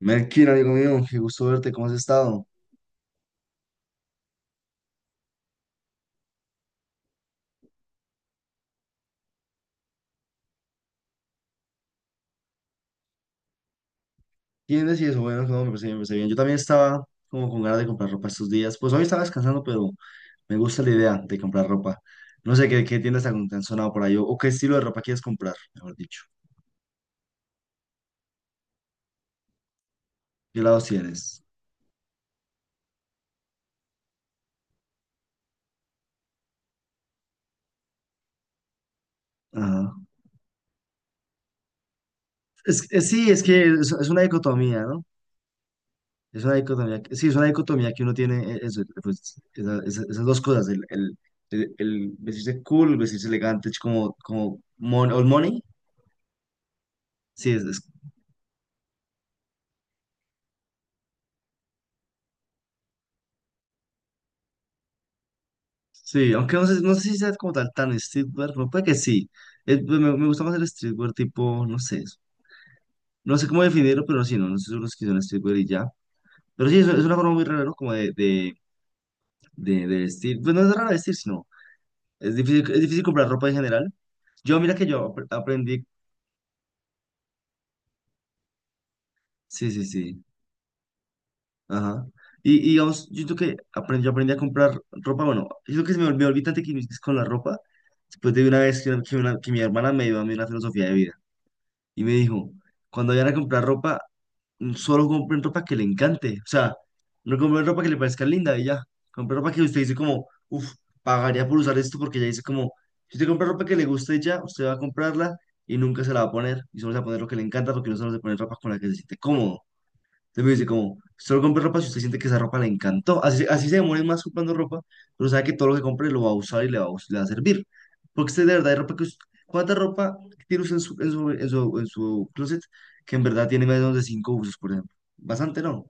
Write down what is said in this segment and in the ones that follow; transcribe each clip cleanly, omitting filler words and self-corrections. Melkin, amigo mío, qué gusto verte, ¿cómo has estado? ¿Quién decís eso? Bueno, no, me parece bien, me parece bien. Yo también estaba como con ganas de comprar ropa estos días. Pues hoy estaba descansando, pero me gusta la idea de comprar ropa. No sé qué tiendas te han sonado por ahí o qué estilo de ropa quieres comprar, mejor dicho. ¿Qué lados tienes? Ajá. Sí, es que es una dicotomía, ¿no? Es una dicotomía. Sí, es una dicotomía que uno tiene, eso, pues, esas dos cosas, el vestirse cool, vestirse elegante, es como, old money. Sí, es, sí, aunque no sé, no sé si sea como tal tan streetwear, pero puede que sí. Me gusta más el streetwear tipo, no sé, no sé cómo definirlo, pero sí, no, no sé son los que son streetwear y ya. Pero sí, es una forma muy rara, ¿no? Como de vestir. Pues no es rara vestir, sino es difícil comprar ropa en general. Yo, mira que yo aprendí, sí, sí, sí, ajá. Y digamos, yo creo que aprendí, yo aprendí a comprar ropa, bueno, yo creo que se me, me olvidé tanto que con la ropa, después de una vez que mi hermana me dio a mí una filosofía de vida. Y me dijo, cuando vayan a comprar ropa, solo compren ropa que le encante. O sea, no compren ropa que le parezca linda y ya. Compren ropa que usted dice como, uff, pagaría por usar esto porque ya dice como, si usted compra ropa que le guste ya, usted va a comprarla y nunca se la va a poner. Y solo se va a poner lo que le encanta porque no solo se pone ropa con la que se siente cómodo. Entonces me dice como, solo compre ropa si usted siente que esa ropa le encantó. Así, así se demore más comprando ropa, pero sabe que todo lo que compre lo va a usar y le va a, le va a servir. Porque usted de verdad hay ropa ¿cuánta ropa tiene usted en su, en su closet que en verdad tiene menos de 5 usos, por ejemplo? Bastante, ¿no?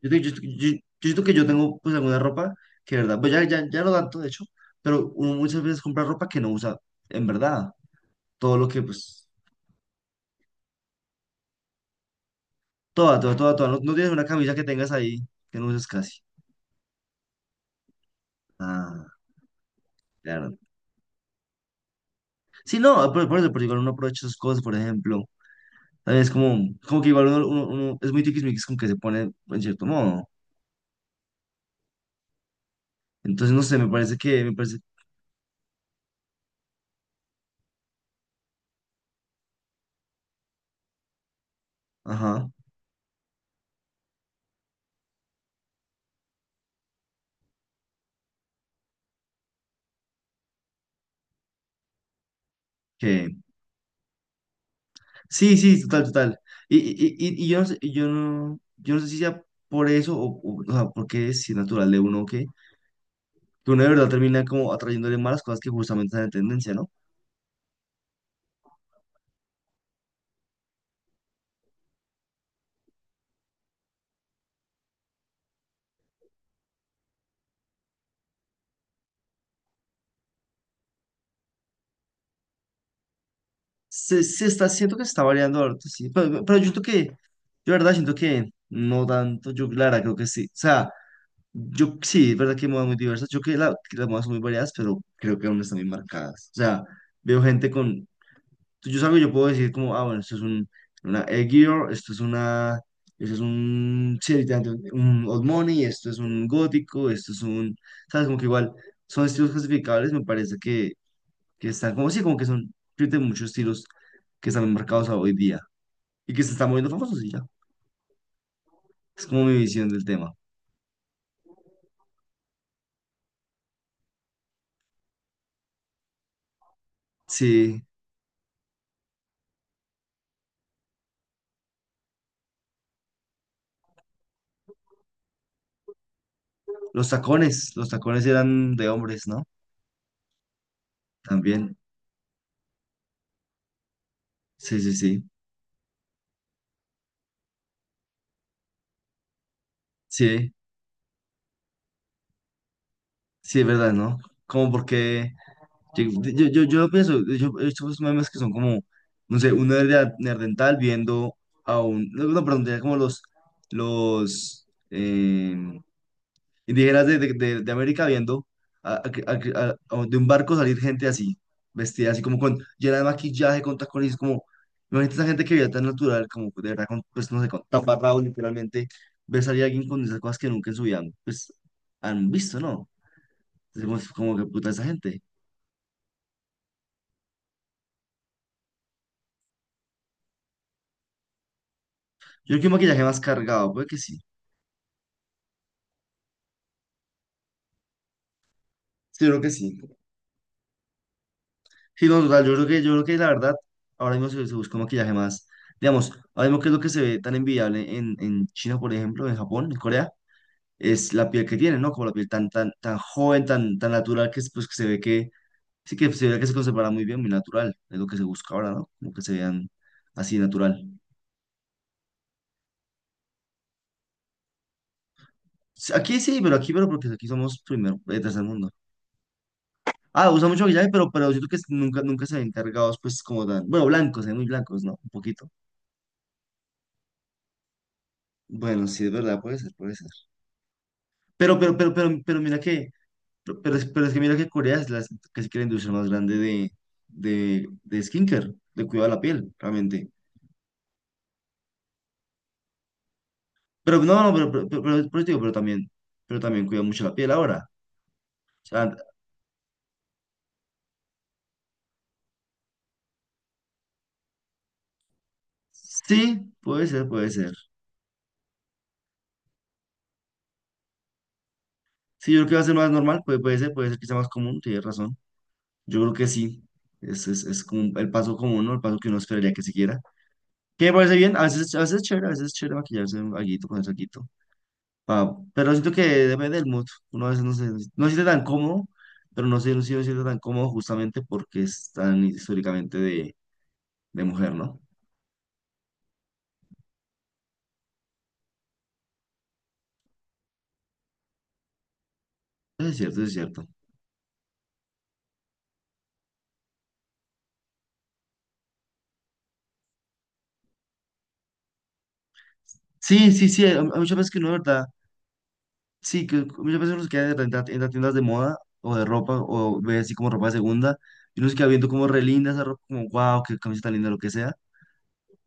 Yo, te- yo, yo- yo siento que yo tengo pues alguna ropa que de verdad, pues ya no tanto, de hecho, pero uno muchas veces compra ropa que no usa en verdad. Todo lo que pues, toda. No, no tienes una camisa que tengas ahí que no uses casi. Ah. Claro, sí, no, ah, por eso, porque igual uno aprovecha esas cosas, por ejemplo. También es como, como que igual uno es muy tiquismiquis con que se pone en cierto modo. Entonces, no sé, me parece, ajá, que, sí, sí, total, total. Y yo no sé, y yo no sé si sea por eso o sea, porque es si natural de uno que uno de verdad termina como atrayéndole malas cosas que justamente están en tendencia, ¿no? Se está, siento que se está variando ahorita, sí. Pero yo siento que, yo la verdad siento que no tanto, yo la verdad creo que sí. O sea, yo sí, es verdad que hay modas muy diversas. Yo creo que, que las modas son muy variadas, pero creo que aún están muy marcadas. O sea, veo gente con, yo salgo y yo puedo decir como, ah, bueno, esto es un, una Edgear, esto es una, esto es un, sí, literalmente, un Old Money, esto es un gótico, esto es un, sabes, como que igual son estilos clasificables, me parece que están como, sí, como que son, tienen muchos estilos que están marcados a hoy día y que se están moviendo famosos y ya. Es como mi visión del tema. Sí, los tacones eran de hombres, ¿no? También. Sí, sí, sí. Sí, sí, es verdad, ¿no? Como porque yo pienso, yo he visto esos memes que son como, no sé, un nerd, nerdental viendo a un, no, no, perdón, tenía como los, indígenas de América viendo a- a- a- de un barco salir gente así, vestida así como con llena de maquillaje, con tacones, como, imagínate esa gente que veía tan natural, como de verdad, con, pues no sé, con taparrabos literalmente, ver salir a alguien con esas cosas que nunca en su vida, pues han visto, ¿no? Es como, como que puta esa gente. Yo creo que un maquillaje más cargado, puede que sí. Sí, yo creo que sí. Sí, no, total, yo creo que la verdad, ahora mismo se busca un maquillaje más, digamos, ahora mismo que es lo que se ve tan envidiable en China, por ejemplo, en Japón, en Corea es la piel que tiene, ¿no? Como la piel tan joven, tan natural, que, es, pues, que se ve que, sí que se ve que se conservará muy bien, muy natural, es lo que se busca ahora, ¿no? Como que se vean así natural. Sí, aquí sí, pero aquí, pero porque aquí somos primero, tercer mundo. Ah, usa mucho maquillaje, pero siento que nunca, nunca se ven cargados, pues, como tan, bueno, blancos, muy blancos, ¿no? Un poquito. Bueno, sí, es verdad, puede ser, puede ser. Pero mira que, pero, pero es que mira que Corea es la, casi que la industria más grande de skincare, de cuidado de la piel, realmente. Pero no, no, pero digo, pero también cuida mucho la piel ahora. O sea, sí, puede ser, puede ser. Sí, yo creo que va a ser más normal, puede, puede ser que sea más común, tienes razón. Yo creo que sí. Es como el paso común, ¿no? El paso que uno esperaría que siguiera. Que me parece bien, a veces es chévere, a veces es chévere maquillarse un alguito, ponerse alguito. Ah, pero siento que depende del mood. Uno a veces no se, no se siente tan cómodo, pero no se, no se siente tan cómodo justamente porque es tan históricamente de mujer, ¿no? Eso es cierto, eso es cierto. Sí, sí, sí, hay muchas veces que uno, de ¿verdad? Sí, que muchas veces uno se queda en las tiendas de moda o de ropa o ve así como ropa de segunda y uno se queda viendo como re linda esa ropa, como wow, qué camiseta linda, lo que sea,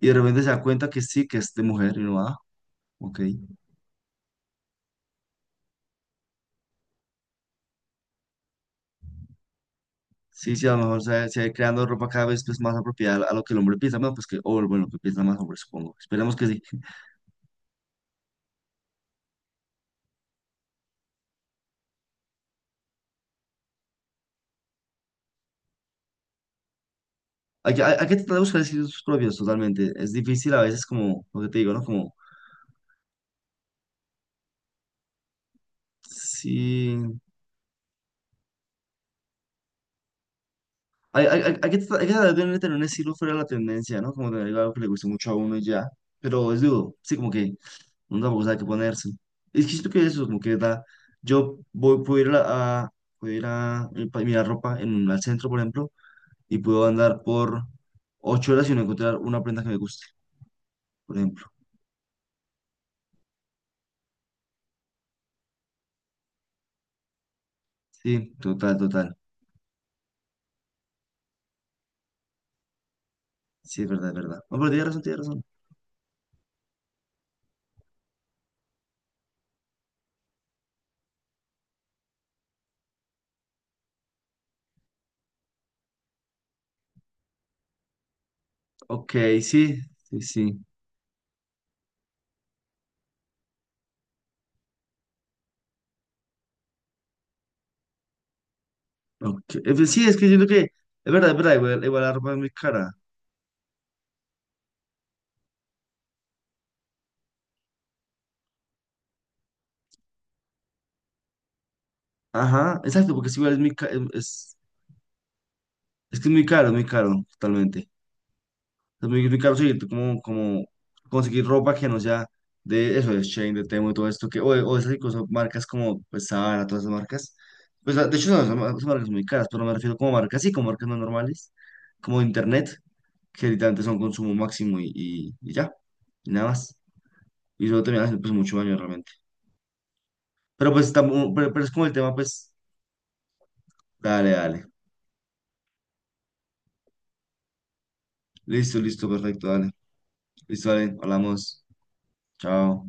y de repente se da cuenta que sí, que es de mujer y uno, ah, ok. Sí, sí, a lo mejor se va creando ropa cada vez pues, más apropiada a lo que el hombre piensa, bueno, pues que, o bueno, lo que piensa más hombre, supongo. Esperemos que sí. Hay que tratar de buscar sitios propios totalmente. Es difícil a veces como, lo que te digo, ¿no? Como, sí. Hay- hay- hay- que tra- hay que tratar de no tener un estilo fuera de la tendencia, ¿no? Como tener algo que le guste mucho a uno y ya. Pero es duro, sí, como que uno tampoco sabe qué ponerse. Es que siento que eso, como que da. Yo voy, puedo ir puedo ir a mirar ropa en un al centro, por ejemplo, y puedo andar por 8 horas y no encontrar una prenda que me guste, por ejemplo. Sí, total, total. Sí, es verdad, es verdad. No, pero tienes razón, tienes razón. Ok, sí, sí, sí. Okay. Sí, es que siento que, es verdad, igual, igual la ropa es muy cara. Ajá, exacto, porque es igual, es muy, es que es muy caro, totalmente. Es muy, muy caro, sí, como, como conseguir ropa que no sea de eso, de Shein, de Temu y todo esto, que, o, o de esas incluso marcas como, pues, Zara, todas esas marcas. Pues, de hecho, no, esas marcas son muy caras, pero me refiero como marcas, sí, como marcas no normales, como Internet, que literalmente son consumo máximo y ya, y nada más. Y eso termina haciendo, pues, mucho daño realmente. Pero, pues, pero es como el tema, pues, dale, dale. Listo, listo, perfecto, dale. Listo, dale, hablamos. Chao.